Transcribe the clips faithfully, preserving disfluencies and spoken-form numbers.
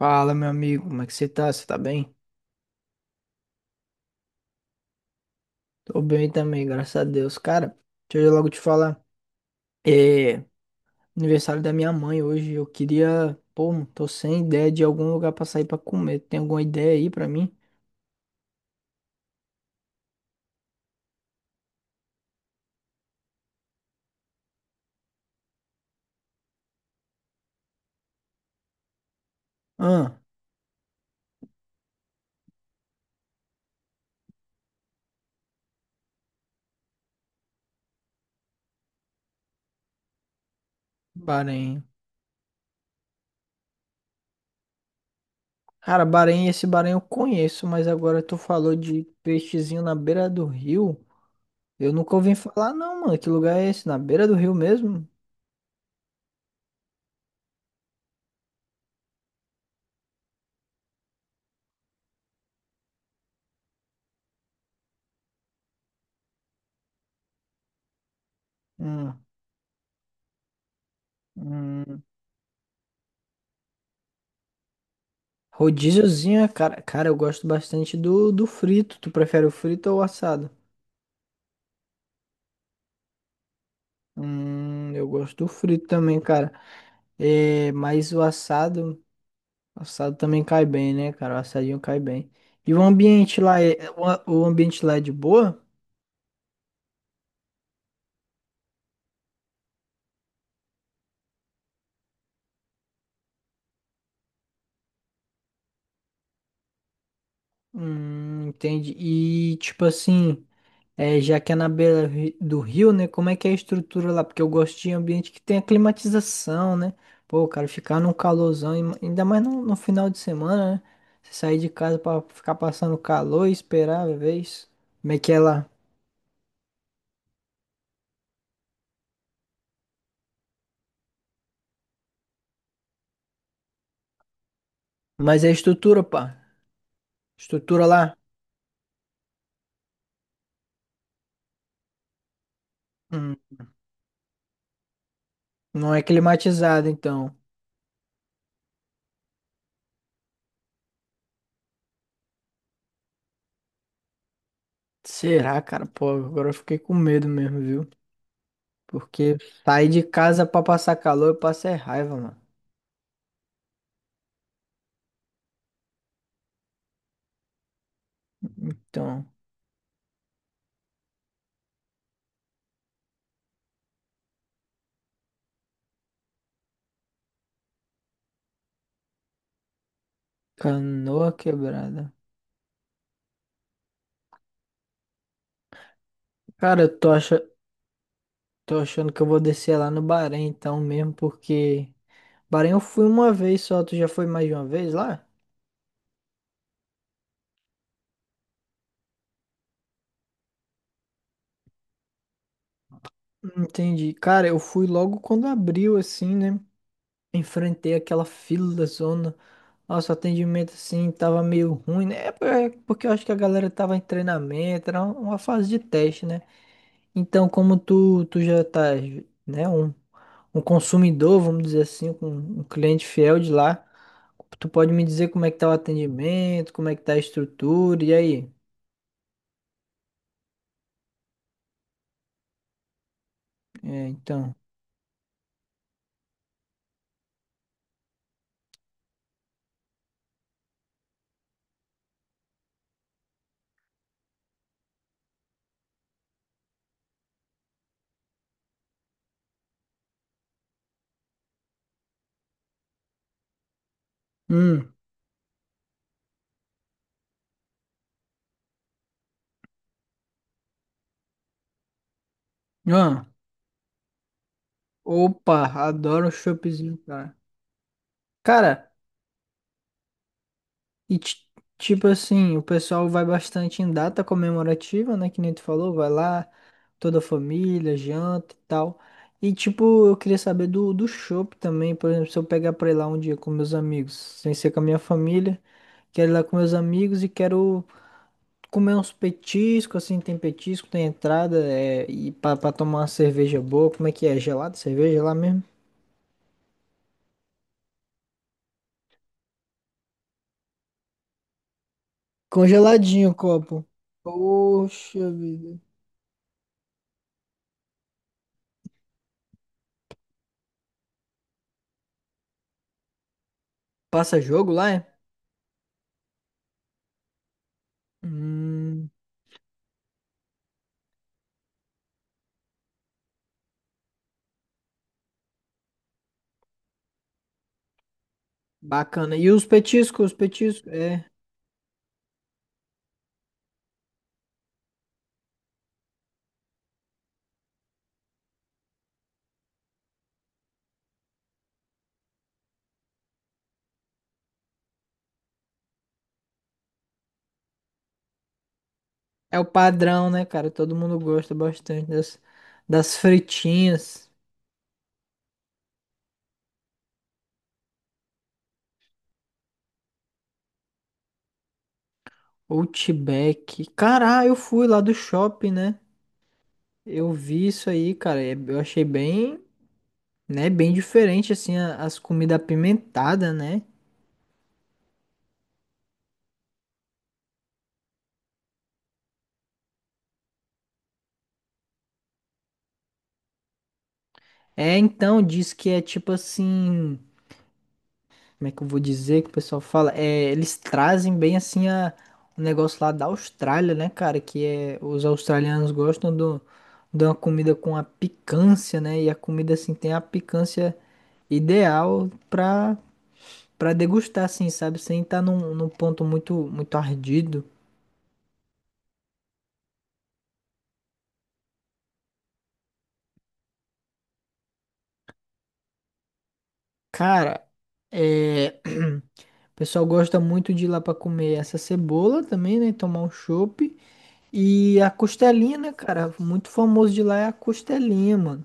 Fala, meu amigo, como é que você tá? Você tá bem? Tô bem também, graças a Deus. Cara, deixa eu logo te falar. É aniversário da minha mãe hoje. Eu queria. Pô, tô sem ideia de algum lugar pra sair pra comer. Tem alguma ideia aí pra mim? Ah, Bahrein. Cara, Bahrein, esse Bahrein eu conheço, mas agora tu falou de peixezinho na beira do rio. Eu nunca ouvi falar, não, mano. Que lugar é esse? Na beira do rio mesmo? Hum, hum. Rodíziozinho, cara, cara, eu gosto bastante do, do frito. Tu prefere o frito ou o assado? Hum, eu gosto do frito também, cara. É, mas o assado, o assado também cai bem, né, cara? O assadinho cai bem. E o ambiente lá é, o, a- o ambiente lá é de boa? Hum, entendi. E tipo assim, é, já que é na beira ri- do rio, né? Como é que é a estrutura lá? Porque eu gosto de ambiente que tem a climatização, né? Pô, cara, ficar num calorzão, ima- ainda mais no, no final de semana, né? Você sair de casa pra ficar passando calor e esperar, às vezes. Como é que é lá? Mas é a estrutura, pá. Estrutura lá, hum, não é climatizada, então. Será, cara? Pô, agora eu fiquei com medo mesmo, viu? Porque sair de casa pra passar calor, eu passo é raiva, mano. Então, canoa quebrada. Cara, eu tô, ach... Tô achando que eu vou descer lá no Bahrein então mesmo, porque... Bahrein eu fui uma vez só, tu já foi mais de uma vez lá? Entendi. Cara, eu fui logo quando abriu, assim, né? Enfrentei aquela fila da zona. Nossa, o atendimento, assim, tava meio ruim, né? É por- é porque eu acho que a galera tava em treinamento, era um, uma fase de teste, né? Então, como tu, tu já tá, né, um, um consumidor, vamos dizer assim, um, um cliente fiel de lá, tu pode me dizer como é que tá o atendimento, como é que tá a estrutura, e aí? É, então. Hum. Ah, opa, adoro um choppzinho, cara. Cara, e ti- tipo assim, o pessoal vai bastante em data comemorativa, né? Que nem tu falou, vai lá, toda a família, janta e tal. E tipo, eu queria saber do, do chopp também, por exemplo, se eu pegar pra ir lá um dia com meus amigos, sem ser com a minha família, quero ir lá com meus amigos e quero comer uns petiscos, assim, tem petisco, tem entrada, é, e pra, pra tomar uma cerveja boa, como é que é? Gelado, cerveja lá mesmo? Congeladinho o copo. Poxa vida. Passa jogo lá, é? Hum, bacana. E os petiscos, os petiscos, é, é o padrão, né, cara? Todo mundo gosta bastante das, das fritinhas. Outback. Caralho, eu fui lá do shopping, né? Eu vi isso aí, cara. E eu achei bem, né? Bem diferente, assim, a- as comidas apimentadas, né? É, então, diz que é tipo assim. Como é que eu vou dizer que o pessoal fala? É, eles trazem bem assim a, o negócio lá da Austrália, né, cara? Que é, os australianos gostam do, de uma comida com a picância, né? E a comida, assim, tem a picância ideal pra, pra degustar, assim, sabe? Sem estar num, num ponto muito, muito ardido. Cara, é... o pessoal gosta muito de ir lá pra comer essa cebola também, né? Tomar um chopp. E a costelinha, né, cara? Muito famoso de lá é a costelinha, mano.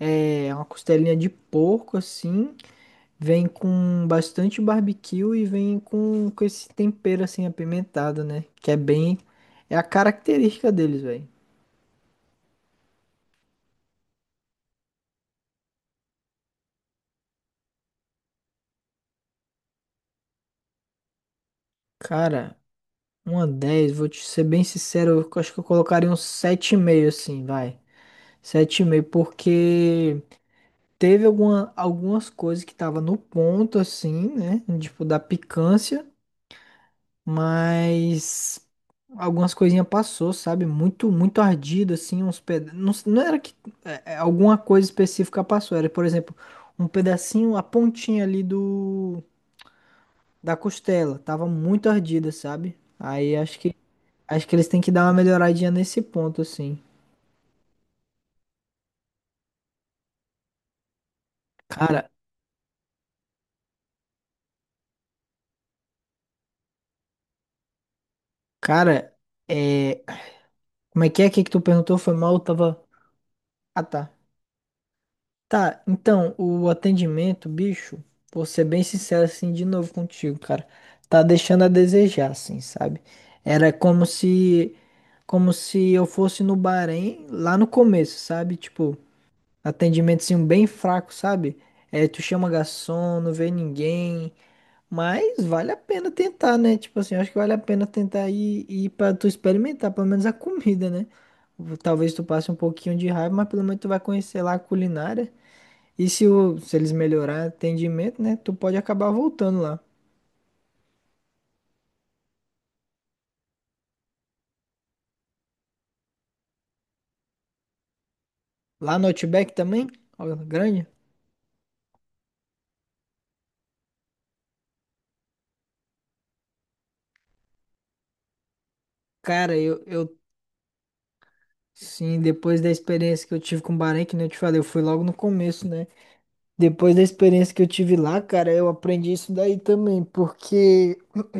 É uma costelinha de porco, assim. Vem com bastante barbecue e vem com, com esse tempero, assim, apimentado, né? Que é bem. É a característica deles, velho. Cara, uma dez. Vou te ser bem sincero, eu acho que eu colocaria um sete e meio, assim, vai. Sete e meio, porque teve alguma, algumas coisas que tava no ponto, assim, né? Tipo, da picância, mas algumas coisinhas passou, sabe? Muito, muito ardido, assim, uns pedaços. Não, s- não era que é, é, alguma coisa específica passou, era, por exemplo, um pedacinho, a pontinha ali do da costela, tava muito ardida, sabe? Aí acho que acho que eles têm que dar uma melhoradinha nesse ponto, assim. Cara, cara. é Como é que é? O que é que tu perguntou? Foi mal, eu tava. Ah, tá. Tá, então, o atendimento, bicho, vou ser bem sincero assim de novo contigo, cara. Tá deixando a desejar, assim, sabe? Era como se. Como se eu fosse no Bahrein lá no começo, sabe? Tipo, atendimento assim, bem fraco, sabe? É, tu chama garçom, não vê ninguém. Mas vale a pena tentar, né? Tipo assim, eu acho que vale a pena tentar ir, ir pra tu experimentar, pelo menos a comida, né? Talvez tu passe um pouquinho de raiva, mas pelo menos tu vai conhecer lá a culinária. E se, o, se eles melhorarem o atendimento, né? Tu pode acabar voltando lá. Lá no Outback também? Olha, grande. Cara, eu, eu sim, depois da experiência que eu tive com o Bahrein, que nem eu te falei, eu fui logo no começo, né? Depois da experiência que eu tive lá, cara, eu aprendi isso daí também, porque.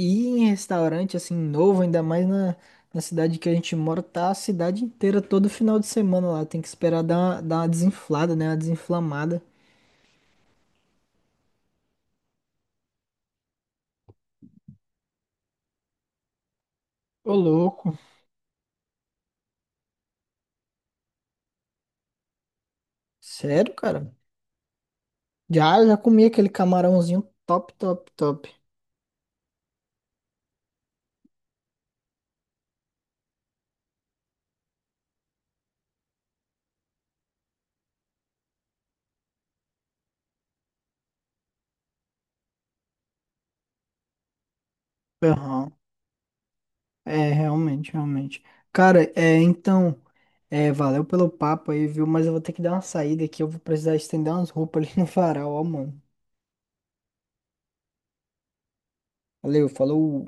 E em restaurante assim novo, ainda mais na, na, cidade que a gente mora, tá a cidade inteira todo final de semana lá. Tem que esperar dar uma, dar uma desinflada, né? Uma desinflamada. Ô, louco. Sério, cara? Já, já comi aquele camarãozinho top, top, top. Aham. É, realmente, realmente. Cara, é, então, é, valeu pelo papo aí, viu? Mas eu vou ter que dar uma saída aqui. Eu vou precisar estender umas roupas ali no varal, ó, mano. Valeu, falou.